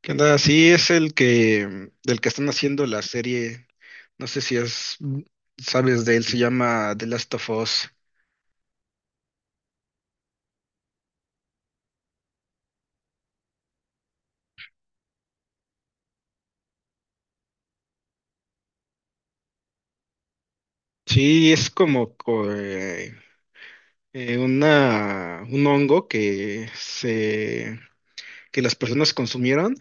¿Qué onda? Sí, es el que del que están haciendo la serie. No sé si es, sabes de él, se llama The Last of Us. Sí, es como una un hongo que las personas consumieron.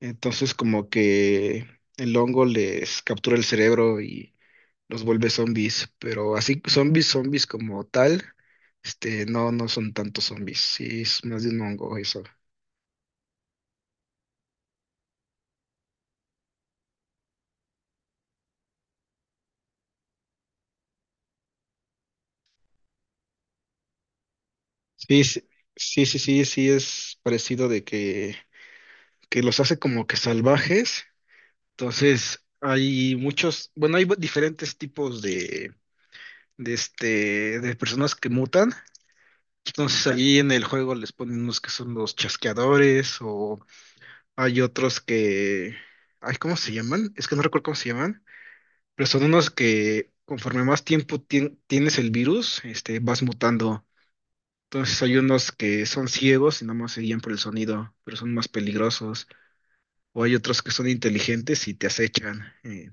Entonces, como que el hongo les captura el cerebro y los vuelve zombies. Pero así, zombies como tal, no, no son tantos zombies. Sí, es más de un hongo eso. Sí, sí, sí, sí, sí, sí es parecido de que los hace como que salvajes. Entonces, hay muchos, bueno, hay diferentes tipos de personas que mutan. Entonces, ahí en el juego les ponen unos que son los chasqueadores o hay otros que, ay, ¿cómo se llaman? Es que no recuerdo cómo se llaman, pero son unos que conforme más tiempo tienes el virus, vas mutando. Entonces hay unos que son ciegos y nada más se guían por el sonido, pero son más peligrosos. O hay otros que son inteligentes y te acechan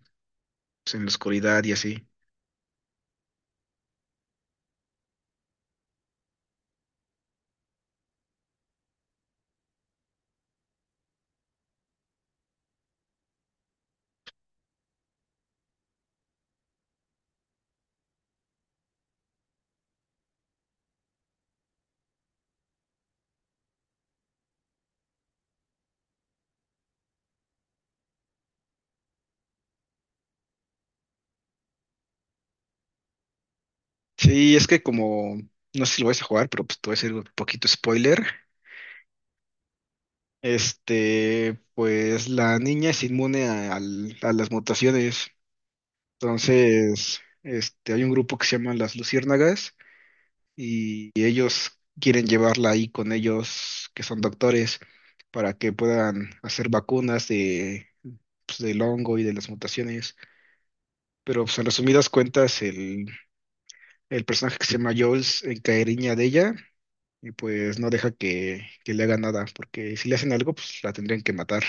pues, en la oscuridad y así. Sí, es que como, no sé si lo vas a jugar, pero pues te voy a hacer un poquito spoiler. Pues la niña es inmune a las mutaciones. Entonces, hay un grupo que se llama las Luciérnagas y ellos quieren llevarla ahí con ellos que son doctores para que puedan hacer vacunas de, pues, del hongo y de las mutaciones. Pero pues, en resumidas cuentas, el personaje que se llama Jules encariña de ella y pues no deja que le haga nada, porque si le hacen algo, pues la tendrían que matar.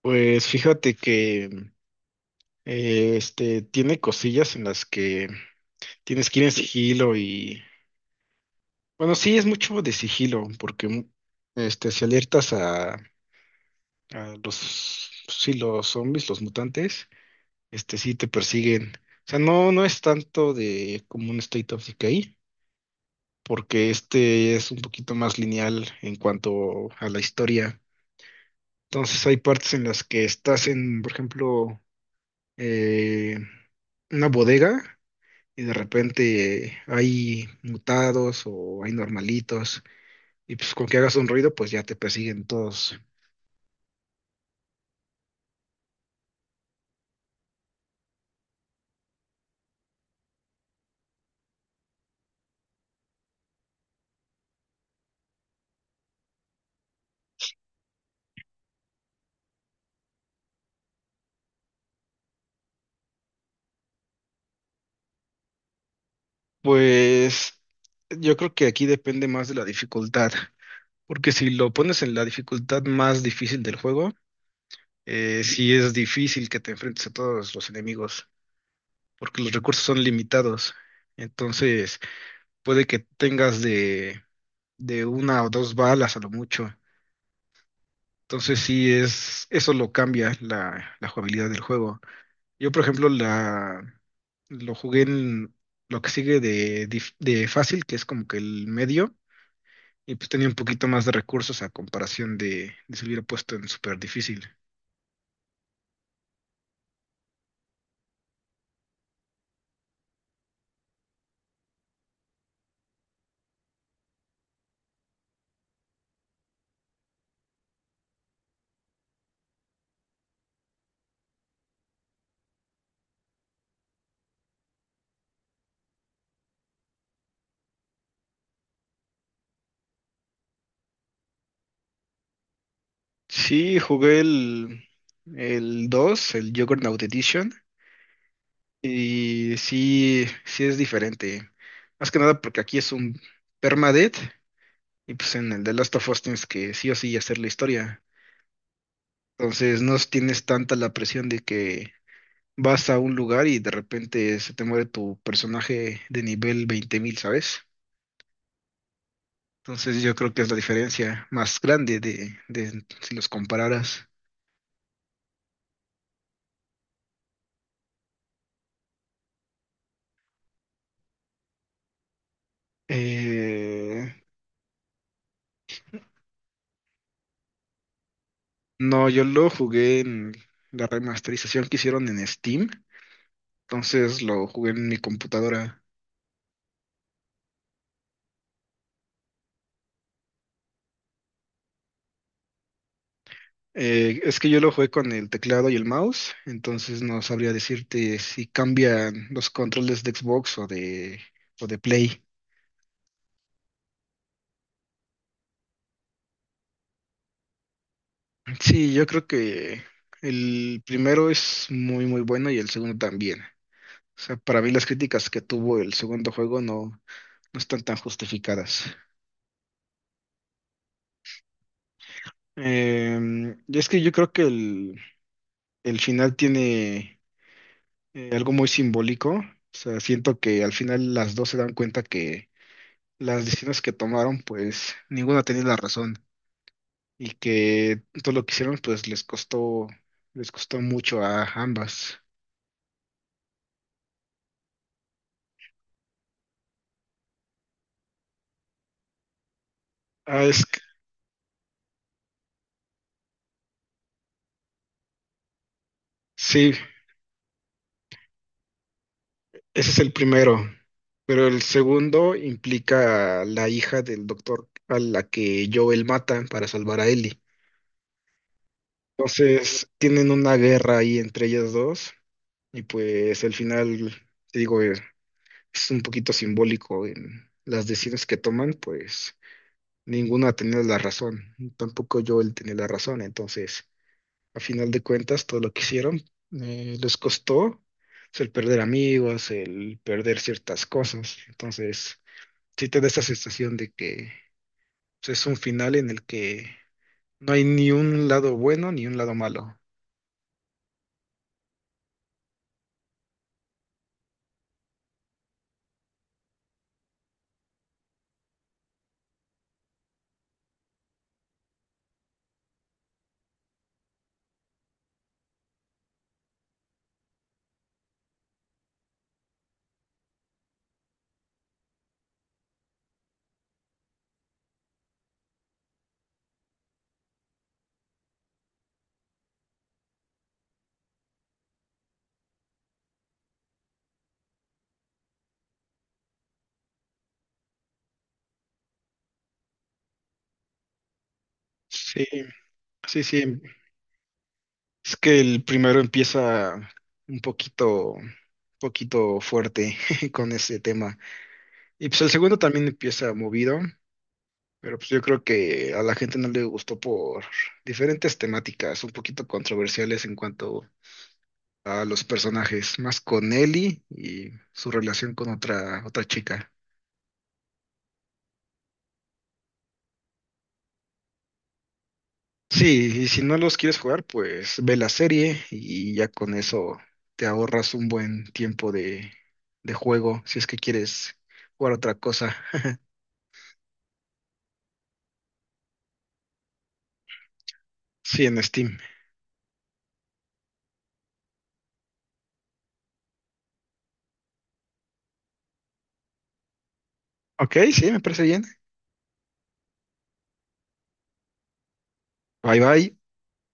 Pues fíjate que este tiene cosillas en las que tienes que ir en sigilo y bueno, sí, es mucho de sigilo, porque si alertas a los, sí, los zombies, los mutantes, sí te persiguen. O sea, no, no es tanto de como un State of Decay, porque este es un poquito más lineal en cuanto a la historia. Entonces hay partes en las que estás en, por ejemplo, eh, una bodega y de repente hay mutados o hay normalitos. Y pues con que hagas un ruido, pues ya te persiguen todos. Pues yo creo que aquí depende más de la dificultad, porque si lo pones en la dificultad más difícil del juego, sí es difícil que te enfrentes a todos los enemigos, porque los recursos son limitados. Entonces puede que tengas de una o dos balas a lo mucho. Entonces sí es, eso lo cambia la jugabilidad del juego. Yo, por ejemplo, lo jugué en lo que sigue de fácil, que es como que el medio, y pues tenía un poquito más de recursos a comparación de si lo hubiera puesto en súper difícil. Sí, jugué el dos, el Juggernaut Edition, y sí, sí es diferente. Más que nada porque aquí es un permadeath, y pues en el The Last of Us tienes que sí o sí hacer la historia. Entonces no tienes tanta la presión de que vas a un lugar y de repente se te muere tu personaje de nivel 20 mil, ¿sabes? Entonces yo creo que es la diferencia más grande de si los compararas. Eh, no, yo lo jugué en la remasterización que hicieron en Steam, entonces lo jugué en mi computadora. Es que yo lo jugué con el teclado y el mouse, entonces no sabría decirte si cambian los controles de Xbox o de Play. Sí, yo creo que el primero es muy muy bueno y el segundo también. O sea, para mí las críticas que tuvo el segundo juego no, no están tan justificadas. Y es que yo creo que el final tiene algo muy simbólico. O sea, siento que al final las dos se dan cuenta que las decisiones que tomaron, pues ninguna tenía la razón y que todo lo que hicieron, pues les costó mucho a ambas. Ah, es que- sí. Ese es el primero, pero el segundo implica a la hija del doctor a la que Joel mata para salvar a Ellie. Entonces tienen una guerra ahí entre ellas dos y pues al final, te digo, es un poquito simbólico en las decisiones que toman, pues ninguna tenía la razón, tampoco Joel tenía la razón, entonces a final de cuentas todo lo que hicieron les costó, pues, el perder amigos, el perder ciertas cosas, entonces sí te da esa sensación de que pues, es un final en el que no hay ni un lado bueno ni un lado malo. Sí, sí, sí. Es que el primero empieza un poquito fuerte con ese tema. Y pues el segundo también empieza movido, pero pues yo creo que a la gente no le gustó por diferentes temáticas un poquito controversiales en cuanto a los personajes, más con Ellie y su relación con otra, otra chica. Sí, y si no los quieres jugar, pues ve la serie y ya con eso te ahorras un buen tiempo de juego si es que quieres jugar otra cosa. Sí, en Steam. Ok, sí, me parece bien. Bye bye.